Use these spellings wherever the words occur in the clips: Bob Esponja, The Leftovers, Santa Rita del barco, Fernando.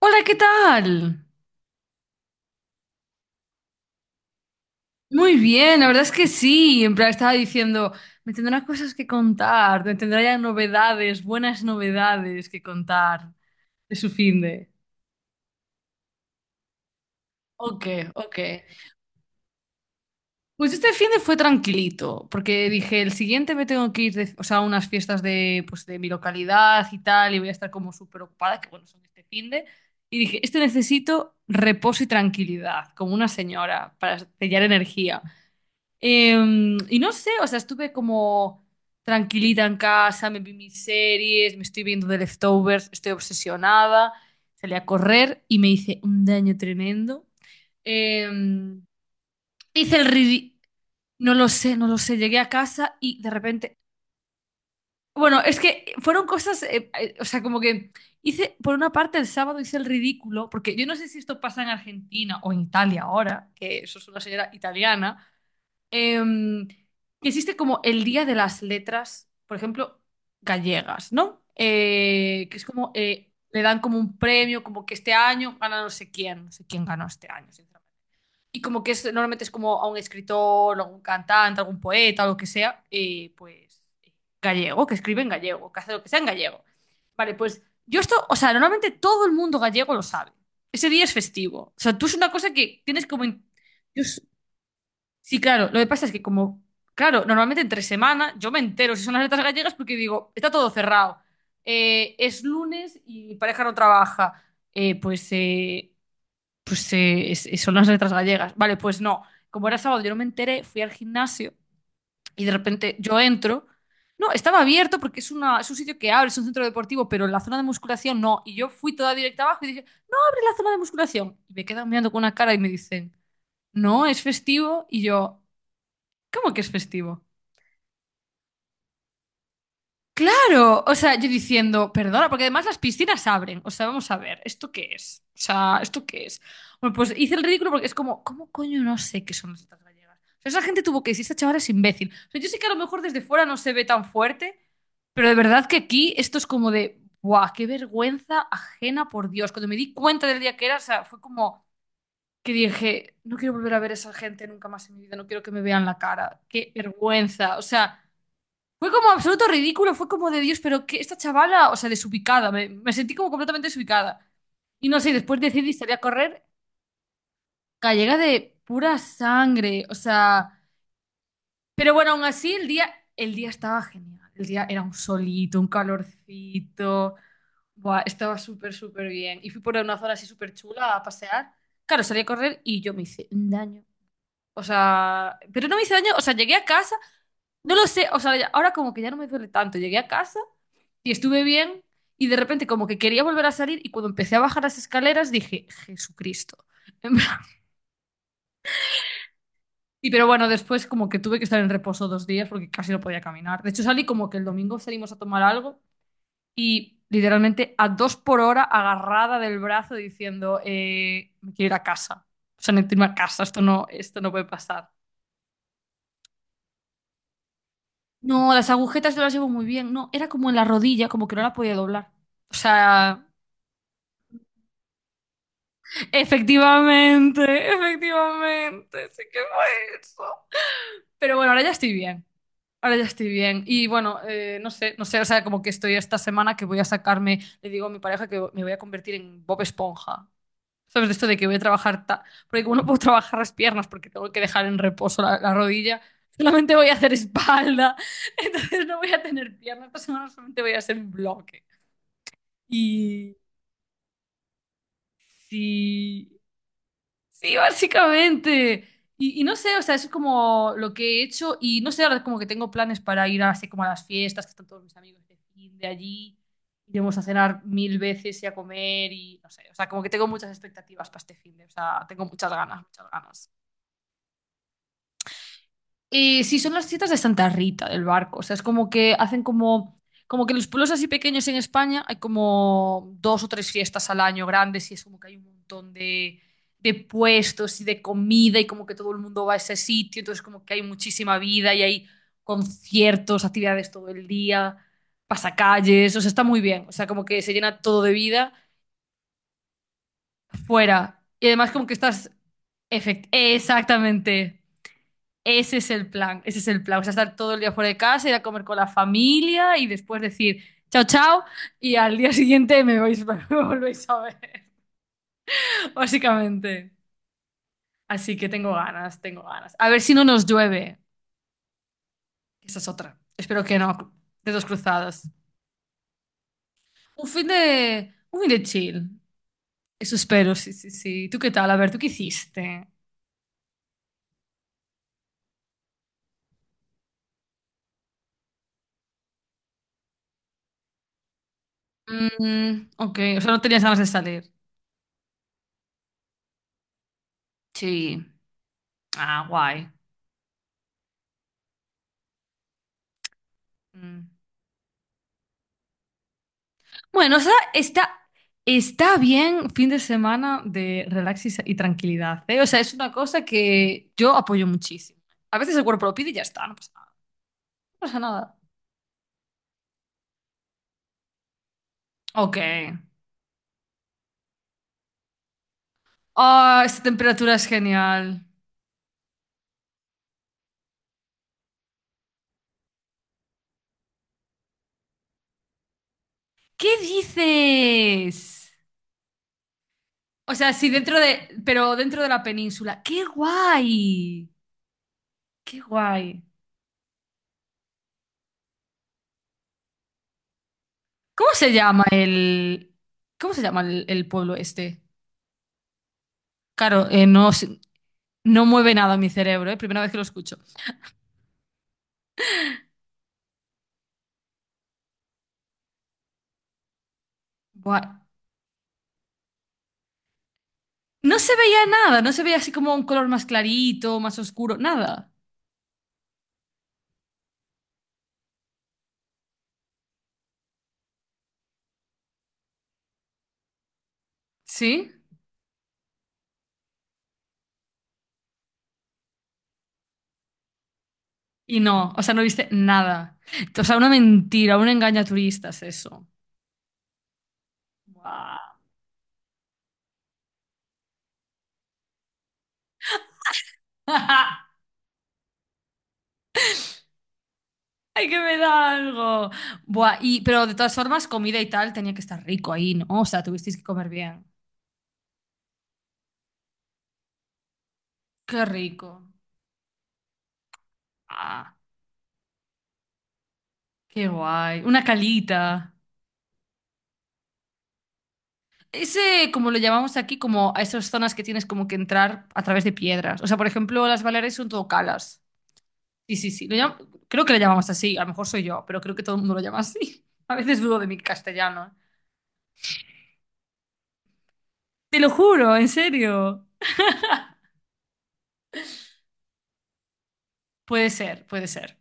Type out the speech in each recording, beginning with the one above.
Hola, ¿qué tal? Muy bien, la verdad es que sí. En plan, estaba diciendo, me tendrán cosas que contar, me tendrá ya novedades, buenas novedades que contar de su finde. Ok, ok. Pues este finde fue tranquilito, porque dije, el siguiente me tengo que ir de- o sea, a unas fiestas de, pues, de mi localidad y tal, y voy a estar como súper ocupada, que bueno, son este finde. Y dije, este necesito reposo y tranquilidad, como una señora, para sellar energía. Y no sé, o sea, estuve como tranquilita en casa, me vi mis series, me estoy viendo The Leftovers, estoy obsesionada, salí a correr y me hice un daño tremendo. Em, Hice el ridículo, no lo sé, no lo sé, llegué a casa y de repente, bueno, es que fueron cosas, o sea, como que hice, por una parte el sábado hice el ridículo, porque yo no sé si esto pasa en Argentina o en Italia ahora, que eso es una señora italiana. Em, que existe como el Día de las Letras, por ejemplo, gallegas, ¿no? Que es como, le dan como un premio, como que este año gana no sé quién, no sé quién ganó este año, sinceramente. Y como que es, normalmente es como a un escritor, a un cantante, algún poeta, lo que sea, pues gallego, que escribe en gallego, que hace lo que sea en gallego. Vale, pues yo esto, o sea, normalmente todo el mundo gallego lo sabe. Ese día es festivo. O sea, tú es una cosa que tienes como... in- yo, sí, claro. Lo que pasa es que como, claro, normalmente entre semana yo me entero si son las letras gallegas porque digo, está todo cerrado. Es lunes y mi pareja no trabaja. Eh, pues eh, pues eh, es- son las letras gallegas. Vale, pues no. Como era sábado, yo no me enteré, fui al gimnasio y de repente yo entro. No, estaba abierto porque es, una, es un sitio que abre, es un centro deportivo, pero la zona de musculación no. Y yo fui toda directa abajo y dije, abre la zona de musculación. Y me quedan mirando con una cara y me dicen, no, es festivo. Y yo, ¿cómo que es festivo? Claro, o sea, yo diciendo, perdona, porque además las piscinas abren. O sea, vamos a ver, ¿esto qué es? O sea, ¿esto qué es? Bueno, pues hice el ridículo porque es como, ¿cómo coño no sé qué son las tetas gallegas? O sea, esa gente tuvo que decir, esta chavala es imbécil. O sea, yo sé que a lo mejor desde fuera no se ve tan fuerte, pero de verdad que aquí esto es como de, ¡buah, qué vergüenza ajena, por Dios! Cuando me di cuenta del día que era, o sea, fue como que dije, no quiero volver a ver a esa gente nunca más en mi vida, no quiero que me vean la cara, qué vergüenza. O sea... Fue como absoluto ridículo, fue como de Dios, pero que esta chavala, o sea, desubicada, me sentí como completamente desubicada. Y no sé, después decidí salir a correr, gallega de pura sangre, o sea, pero bueno, aún así el día estaba genial, el día era un solito, un calorcito, buah, estaba súper, súper bien. Y fui por una zona así súper chula a pasear. Claro, salí a correr y yo me hice un daño. O sea, pero no me hice daño, o sea, llegué a casa, no lo sé, o sea, ya- ahora como que ya no me duele tanto, llegué a casa. Y estuve bien y de repente como que quería volver a salir y cuando empecé a bajar las escaleras dije, Jesucristo. Y pero bueno, después como que tuve que estar en reposo dos días porque casi no podía caminar. De hecho salí como que el domingo salimos a tomar algo y literalmente a dos por hora agarrada del brazo diciendo, me quiero ir a casa. O sea, necesito irme a casa, esto no puede pasar. No, las agujetas no las llevo muy bien. No, era como en la rodilla, como que no la podía doblar. O sea, efectivamente, efectivamente, sí que fue eso. Pero bueno, ahora ya estoy bien. Ahora ya estoy bien. Y bueno, no sé, no sé, o sea, como que estoy esta semana que voy a sacarme, le digo a mi pareja que me voy a convertir en Bob Esponja. ¿Sabes? De esto de que voy a trabajar, ta- porque como no puedo trabajar las piernas porque tengo que dejar en reposo la rodilla, solamente voy a hacer espalda. Entonces no voy a tener piernas. Esta semana solamente voy a hacer un bloque. Y sí, sí, básicamente. Y no sé, o sea, es como lo que he hecho y no sé, ahora como que tengo planes para ir así como a las fiestas, que están todos mis amigos de fin de allí, iremos a cenar mil veces y a comer y no sé, o sea, como que tengo muchas expectativas para este fin de, o sea, tengo muchas ganas, muchas ganas. Sí, son las fiestas de Santa Rita del barco. O sea, es como que hacen como, como que los pueblos así pequeños en España hay como dos o tres fiestas al año grandes y es como que hay un montón de puestos y de comida y como que todo el mundo va a ese sitio. Entonces, como que hay muchísima vida y hay conciertos, actividades todo el día, pasacalles. O sea, está muy bien. O sea, como que se llena todo de vida fuera. Y además, como que estás. Efect- exactamente. Ese es el plan, ese es el plan. O sea, estar todo el día fuera de casa, ir a comer con la familia y después decir chao, chao y al día siguiente me vais, me volvéis a ver, básicamente. Así que tengo ganas, tengo ganas. A ver si no nos llueve. Esa es otra. Espero que no. Dedos cruzados. Un fin de chill. Eso espero, sí, sí, sí. ¿Tú qué tal? A ver, ¿tú qué hiciste? Mm, ok, o sea, no tenías ganas de salir. Sí. Ah, guay. Mm. Bueno, o sea, está, está bien fin de semana de relax y, sa- y tranquilidad, ¿eh? O sea, es una cosa que yo apoyo muchísimo. A veces el cuerpo lo pide y ya está, no pasa nada. No pasa nada. Ok. Ah, esta temperatura es genial. ¿Qué dices? O sea, sí, dentro de, pero dentro de la península. ¡Qué guay! ¡Qué guay! ¿Cómo se llama el, cómo se llama el pueblo este? Claro, no, sé- no mueve nada mi cerebro, ¿eh? Primera vez que lo escucho. Buah. No se veía nada, no se veía así como un color más clarito, más oscuro, nada. ¿Sí? Y no, o sea, no viste nada. O sea, una mentira, un engaño a turistas, eso. Buah. ¡Ay, que me da algo! Buah, y, pero de todas formas, comida y tal tenía que estar rico ahí, ¿no? O sea, tuvisteis que comer bien. ¡Qué rico! ¡Ah, qué guay! Una calita. Ese, como lo llamamos aquí, como a esas zonas que tienes como que entrar a través de piedras. O sea, por ejemplo, las Baleares son todo calas. Sí, sí, sí. Lo llam- creo que le llamamos así. A lo mejor soy yo, pero creo que todo el mundo lo llama así. A veces dudo de mi castellano. ¿Eh? Te lo juro, en serio. Puede ser, puede ser.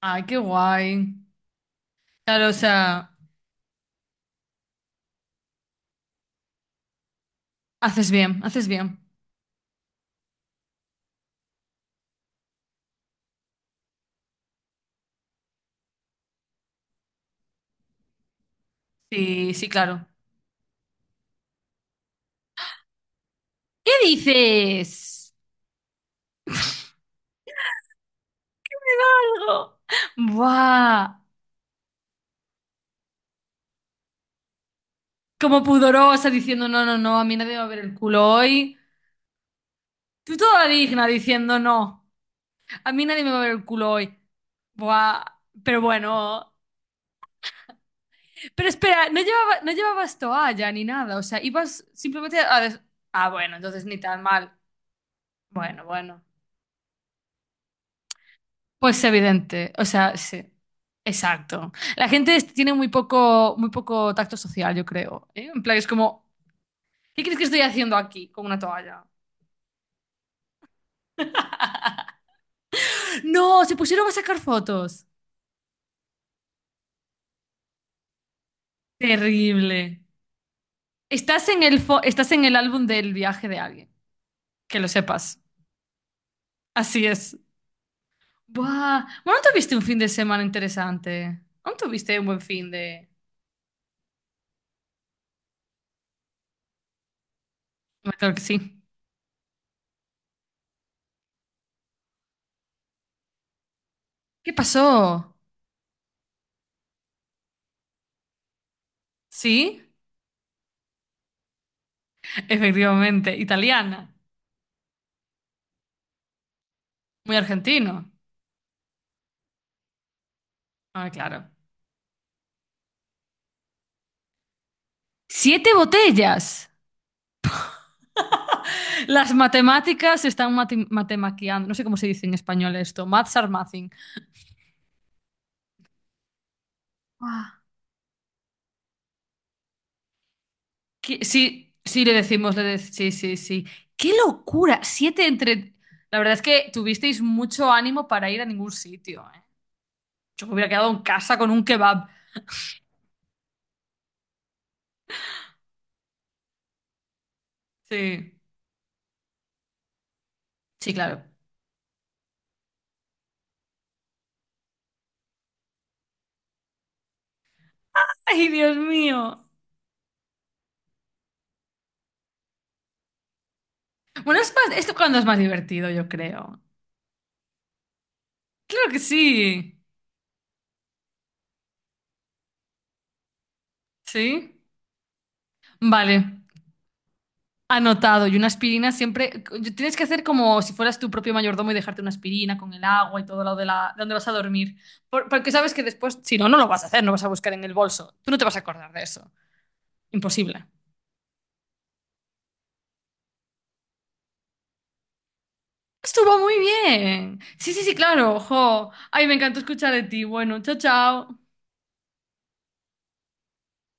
Ay, qué guay. Claro, o sea, haces bien, haces bien. Sí, sí, claro. ¿Qué dices? Algo. Buah. Como pudorosa diciendo, no, no, no, a mí nadie me va a ver el culo hoy. Tú toda digna diciendo, no, a mí nadie me va a ver el culo hoy. Buah. Pero bueno. Pero espera, no llevaba, no llevabas toalla ni nada, o sea, ibas simplemente a... des- Ah, bueno, entonces ni tan mal. Bueno, bueno. Pues evidente, o sea, sí. Exacto. La gente es- tiene muy poco tacto social, yo creo. ¿Eh? En plan, es como, ¿qué crees que estoy haciendo aquí con una toalla? No, se pusieron a sacar fotos. Terrible. Estás en el, fo- estás en el álbum del viaje de alguien, que lo sepas. Así es. Buah, ¿bueno, no tuviste un fin de semana interesante? ¿No tuviste un buen fin de...? Bueno, claro que sí. ¿Qué pasó? ¿Sí? Efectivamente, italiana. Muy argentino. Ah, claro. ¡Siete botellas! Las matemáticas están mati- matemaqueando. No sé cómo se dice en español esto. Maths are mathing. Ah. ¿Qué- sí, sí, le decimos, le dec- sí, sí, sí. ¡Qué locura! Siete entre... La verdad es que tuvisteis mucho ánimo para ir a ningún sitio, ¿eh? Yo me hubiera quedado en casa con un kebab. Sí. Sí, claro. Ay, Dios mío. Bueno, es más, esto cuando es más divertido, yo creo. Claro que sí. Sí. Vale. Anotado. Y una aspirina siempre. Tienes que hacer como si fueras tu propio mayordomo y dejarte una aspirina con el agua y todo lo de, la, de donde vas a dormir. Por- porque sabes que después, si no, no lo vas a hacer, no vas a buscar en el bolso. Tú no te vas a acordar de eso. Imposible. Estuvo muy bien. Sí, sí, sí, claro. Jo. Ay, me encantó escuchar de ti. Bueno, chao, chao.